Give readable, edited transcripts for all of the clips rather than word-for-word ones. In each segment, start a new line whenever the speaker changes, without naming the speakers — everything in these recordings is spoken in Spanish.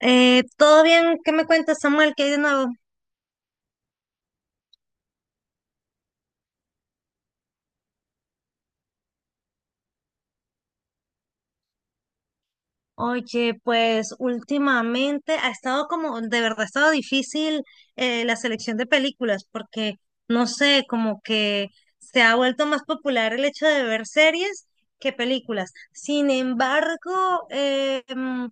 ¿Todo bien? ¿Qué me cuentas, Samuel? ¿Qué hay de nuevo? Oye, pues últimamente ha estado como, de verdad ha estado difícil la selección de películas, porque no sé, como que se ha vuelto más popular el hecho de ver series que películas. Sin embargo,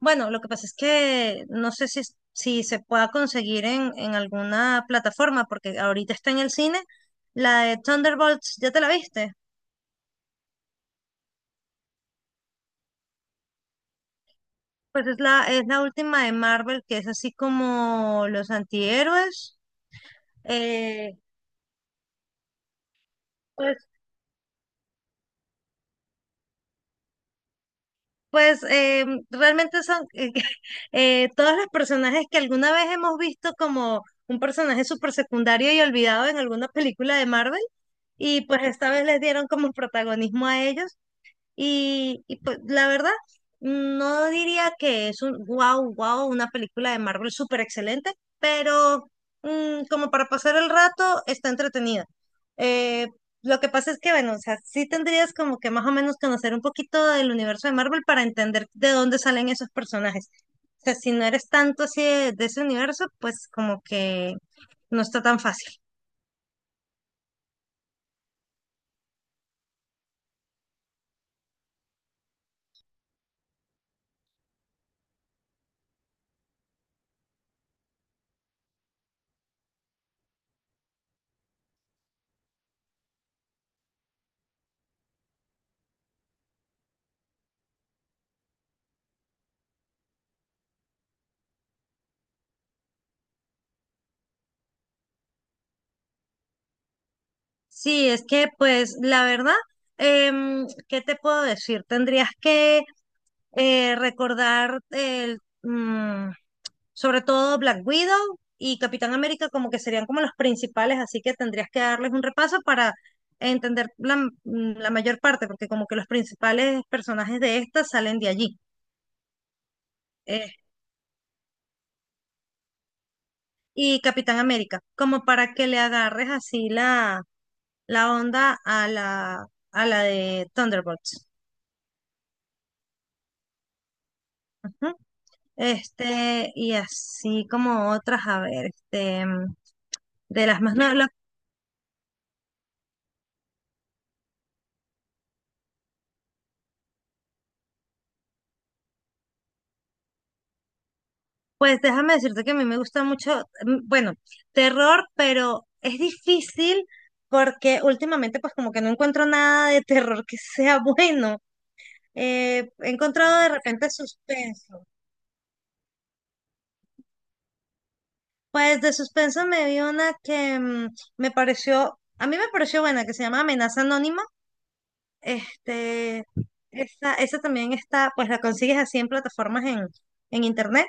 bueno, lo que pasa es que no sé si se pueda conseguir en alguna plataforma, porque ahorita está en el cine la de Thunderbolts, ¿ya te la viste? Pues es la última de Marvel, que es así como los antihéroes. Eh, pues pues eh, realmente son todos los personajes que alguna vez hemos visto como un personaje súper secundario y olvidado en alguna película de Marvel. Y pues esta vez les dieron como protagonismo a ellos. Y pues la verdad, no diría que es un wow, wow, una película de Marvel súper excelente, pero como para pasar el rato está entretenida. Eh, lo que pasa es que, bueno, o sea, sí tendrías como que más o menos conocer un poquito del universo de Marvel para entender de dónde salen esos personajes. O sea, si no eres tanto así de ese universo, pues como que no está tan fácil. Sí, es que pues la verdad, ¿qué te puedo decir? Tendrías que recordar sobre todo Black Widow y Capitán América como que serían como los principales, así que tendrías que darles un repaso para entender la mayor parte, porque como que los principales personajes de esta salen de allí. eh, y Capitán América, como para que le agarres así la onda a a la de Thunderbolts. Ujú. Este, y así como otras, a ver, de las más nuevas. Pues déjame decirte que a mí me gusta mucho, bueno, terror, pero es difícil porque últimamente pues como que no encuentro nada de terror que sea bueno. He encontrado de repente suspenso. Pues de suspenso me vi una que me pareció, a mí me pareció buena, que se llama Amenaza Anónima. Este, esa también está, pues la consigues así en plataformas en internet.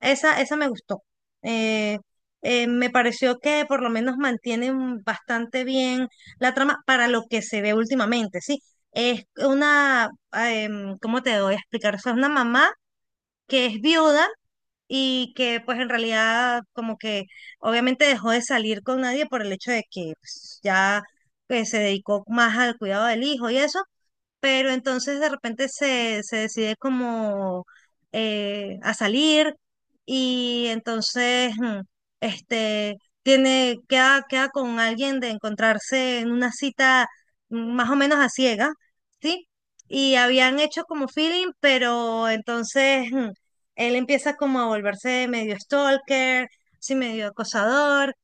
Esa me gustó. Eh, Me pareció que por lo menos mantienen bastante bien la trama para lo que se ve últimamente, ¿sí? Es una, ¿cómo te voy a explicar? O sea, es una mamá que es viuda y que pues en realidad como que obviamente dejó de salir con nadie por el hecho de que pues, ya que se dedicó más al cuidado del hijo y eso, pero entonces de repente se decide como a salir y entonces este, tiene, queda con alguien de encontrarse en una cita más o menos a ciega, ¿sí? Y habían hecho como feeling, pero entonces él empieza como a volverse medio stalker, sí, medio acosador.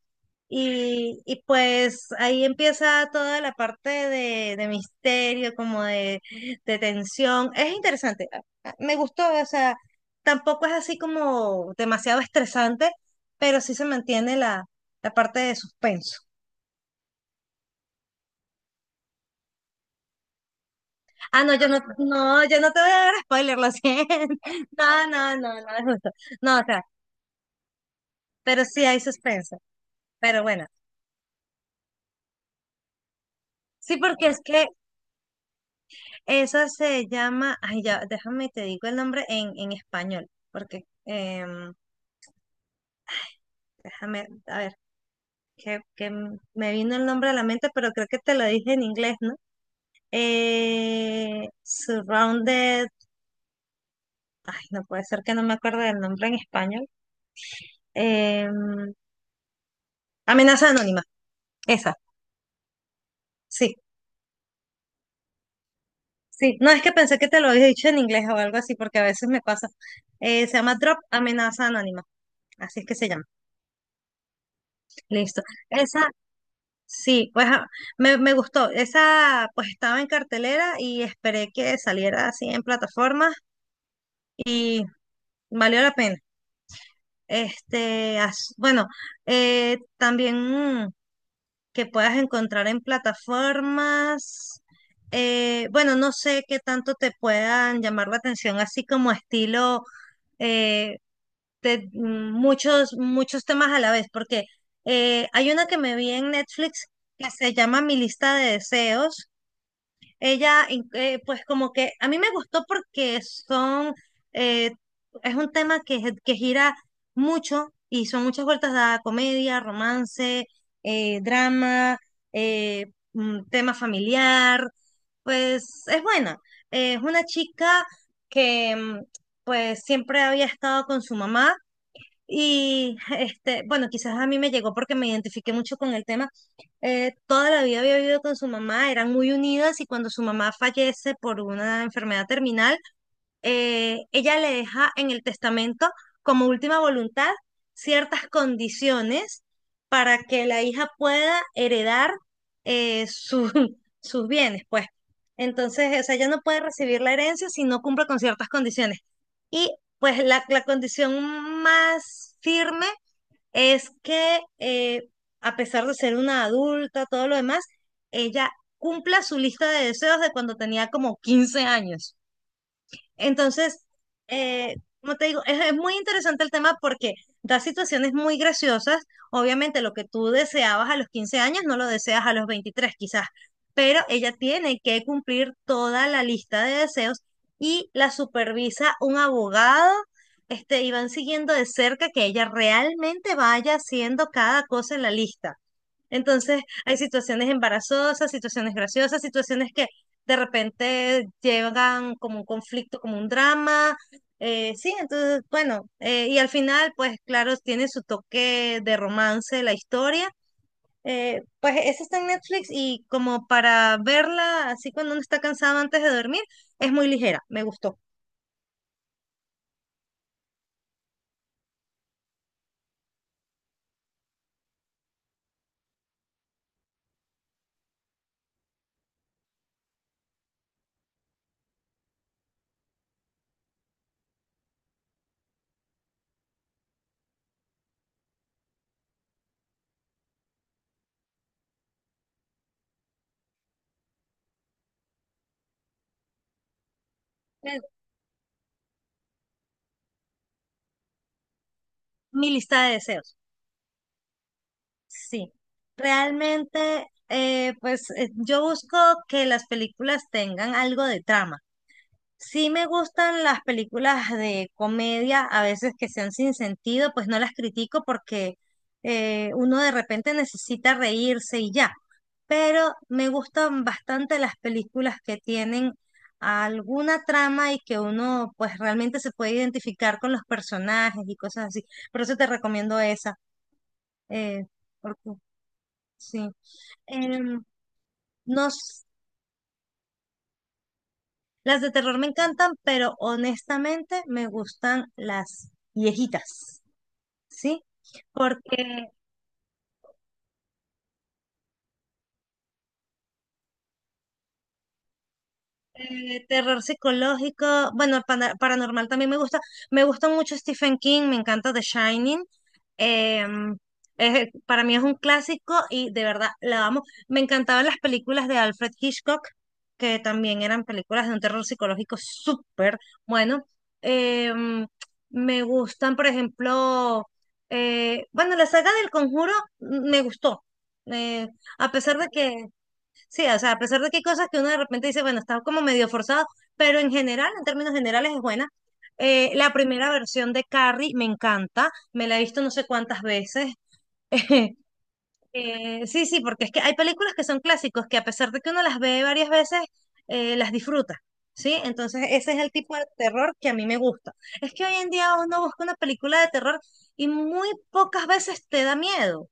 Y pues ahí empieza toda la parte de misterio, como de tensión. Es interesante, me gustó, o sea, tampoco es así como demasiado estresante, pero sí se mantiene la parte de suspenso. Ah, no, yo no te voy a dar spoiler, lo siento. No, no, no, no es justo. No, o sea, pero sí hay suspenso. Pero bueno, sí, porque es que esa se llama, ay ya, déjame te digo el nombre en español, porque déjame, a ver, me vino el nombre a la mente, pero creo que te lo dije en inglés, ¿no? Surrounded, ay, no puede ser que no me acuerdo del nombre en español. Em, Amenaza anónima, esa, sí, sí. No, es que pensé que te lo había dicho en inglés o algo así, porque a veces me pasa. Se llama Drop Amenaza Anónima, así es que se llama. Listo. Esa, sí, pues ah, me gustó. Esa pues estaba en cartelera y esperé que saliera así en plataformas y valió la pena. Este, bueno, también mm, que puedas encontrar en plataformas, bueno, no sé qué tanto te puedan llamar la atención, así como estilo eh, muchos, muchos temas a la vez, porque hay una que me vi en Netflix que se llama Mi lista de deseos. Pues como que a mí me gustó porque son, eh, es un tema que gira mucho y son muchas vueltas de comedia, romance, drama, eh, tema familiar, pues es buena. Es una chica que pues siempre había estado con su mamá y este, bueno, quizás a mí me llegó porque me identifiqué mucho con el tema. Toda la vida había vivido con su mamá, eran muy unidas y cuando su mamá fallece por una enfermedad terminal, ella le deja en el testamento como última voluntad ciertas condiciones para que la hija pueda heredar eh, su- sus bienes, pues. Entonces, o sea, ella no puede recibir la herencia si no cumple con ciertas condiciones. Y pues la condición más firme es que a pesar de ser una adulta, todo lo demás, ella cumpla su lista de deseos de cuando tenía como 15 años. Entonces, eh, como te digo, es muy interesante el tema porque da situaciones muy graciosas. Obviamente lo que tú deseabas a los 15 años no lo deseas a los 23, quizás, pero ella tiene que cumplir toda la lista de deseos y la supervisa un abogado. Este, y van siguiendo de cerca que ella realmente vaya haciendo cada cosa en la lista. Entonces, hay situaciones embarazosas, situaciones graciosas, situaciones que de repente llegan como un conflicto, como un drama. Sí, entonces, bueno, y al final, pues claro, tiene su toque de romance la historia. Pues esa está en Netflix y como para verla así cuando uno está cansado antes de dormir, es muy ligera, me gustó. Eh, Mi lista de deseos, sí. Realmente, yo busco que las películas tengan algo de trama. Sí me gustan las películas de comedia, a veces que sean sin sentido, pues no las critico porque uno de repente necesita reírse y ya. Pero me gustan bastante las películas que tienen alguna trama y que uno pues realmente se puede identificar con los personajes y cosas así. Por eso te recomiendo esa. eh, porque, sí. Em, no. Las de terror me encantan, pero honestamente me gustan las viejitas, ¿sí? Porque terror psicológico, bueno, paranormal también me gusta. Me gusta mucho Stephen King, me encanta The Shining. em, para mí es un clásico y de verdad la amo. Me encantaban las películas de Alfred Hitchcock, que también eran películas de un terror psicológico súper bueno. Em, Me gustan, por ejemplo, bueno, la saga del Conjuro me gustó. Eh, a pesar de que Sí, o sea, a pesar de que hay cosas que uno de repente dice, bueno, está como medio forzado, pero en general, en términos generales, es buena. La primera versión de Carrie me encanta, me la he visto no sé cuántas veces. Sí, sí, porque es que hay películas que son clásicos que a pesar de que uno las ve varias veces, las disfruta, ¿sí? Entonces ese es el tipo de terror que a mí me gusta. Es que hoy en día uno busca una película de terror y muy pocas veces te da miedo.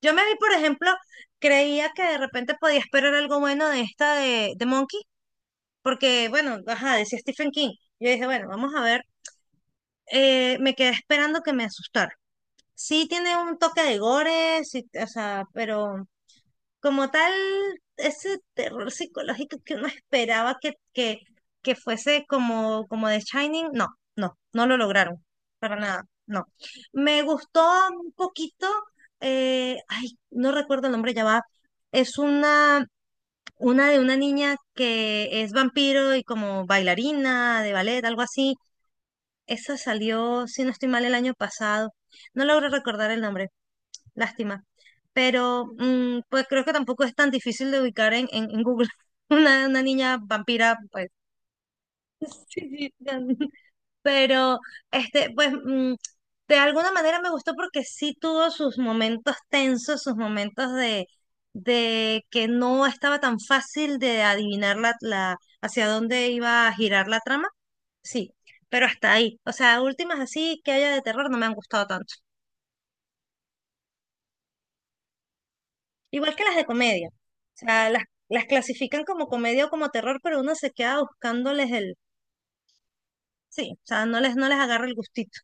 Yo me vi, por ejemplo, creía que de repente podía esperar algo bueno de esta de Monkey, porque, bueno, ajá, decía Stephen King. Yo dije, bueno, vamos a ver. Me quedé esperando que me asustara. Sí tiene un toque de gore, sí, o sea, pero como tal, ese terror psicológico que uno esperaba que fuese como, como The Shining, no, no, no lo lograron, para nada, no. Me gustó un poquito, ay, no recuerdo el nombre, ya va, es una de una niña que es vampiro y como bailarina de ballet, algo así. Esa salió, si no estoy mal, el año pasado. No logro recordar el nombre, lástima. Pero pues creo que tampoco es tan difícil de ubicar en Google una niña vampira, pues. Sí, pero, este, pues, mm, de alguna manera me gustó porque sí tuvo sus momentos tensos, sus momentos de que no estaba tan fácil de adivinar hacia dónde iba a girar la trama. Sí, pero hasta ahí. O sea, últimas así que haya de terror no me han gustado tanto. Igual que las de comedia. O sea, las clasifican como comedia o como terror, pero uno se queda buscándoles el... Sí, o sea, no no les agarra el gustito.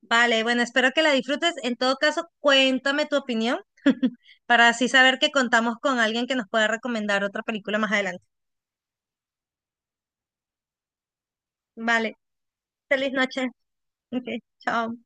Vale, bueno, espero que la disfrutes. En todo caso, cuéntame tu opinión para así saber que contamos con alguien que nos pueda recomendar otra película más adelante. Vale, feliz noche. Ok, chao.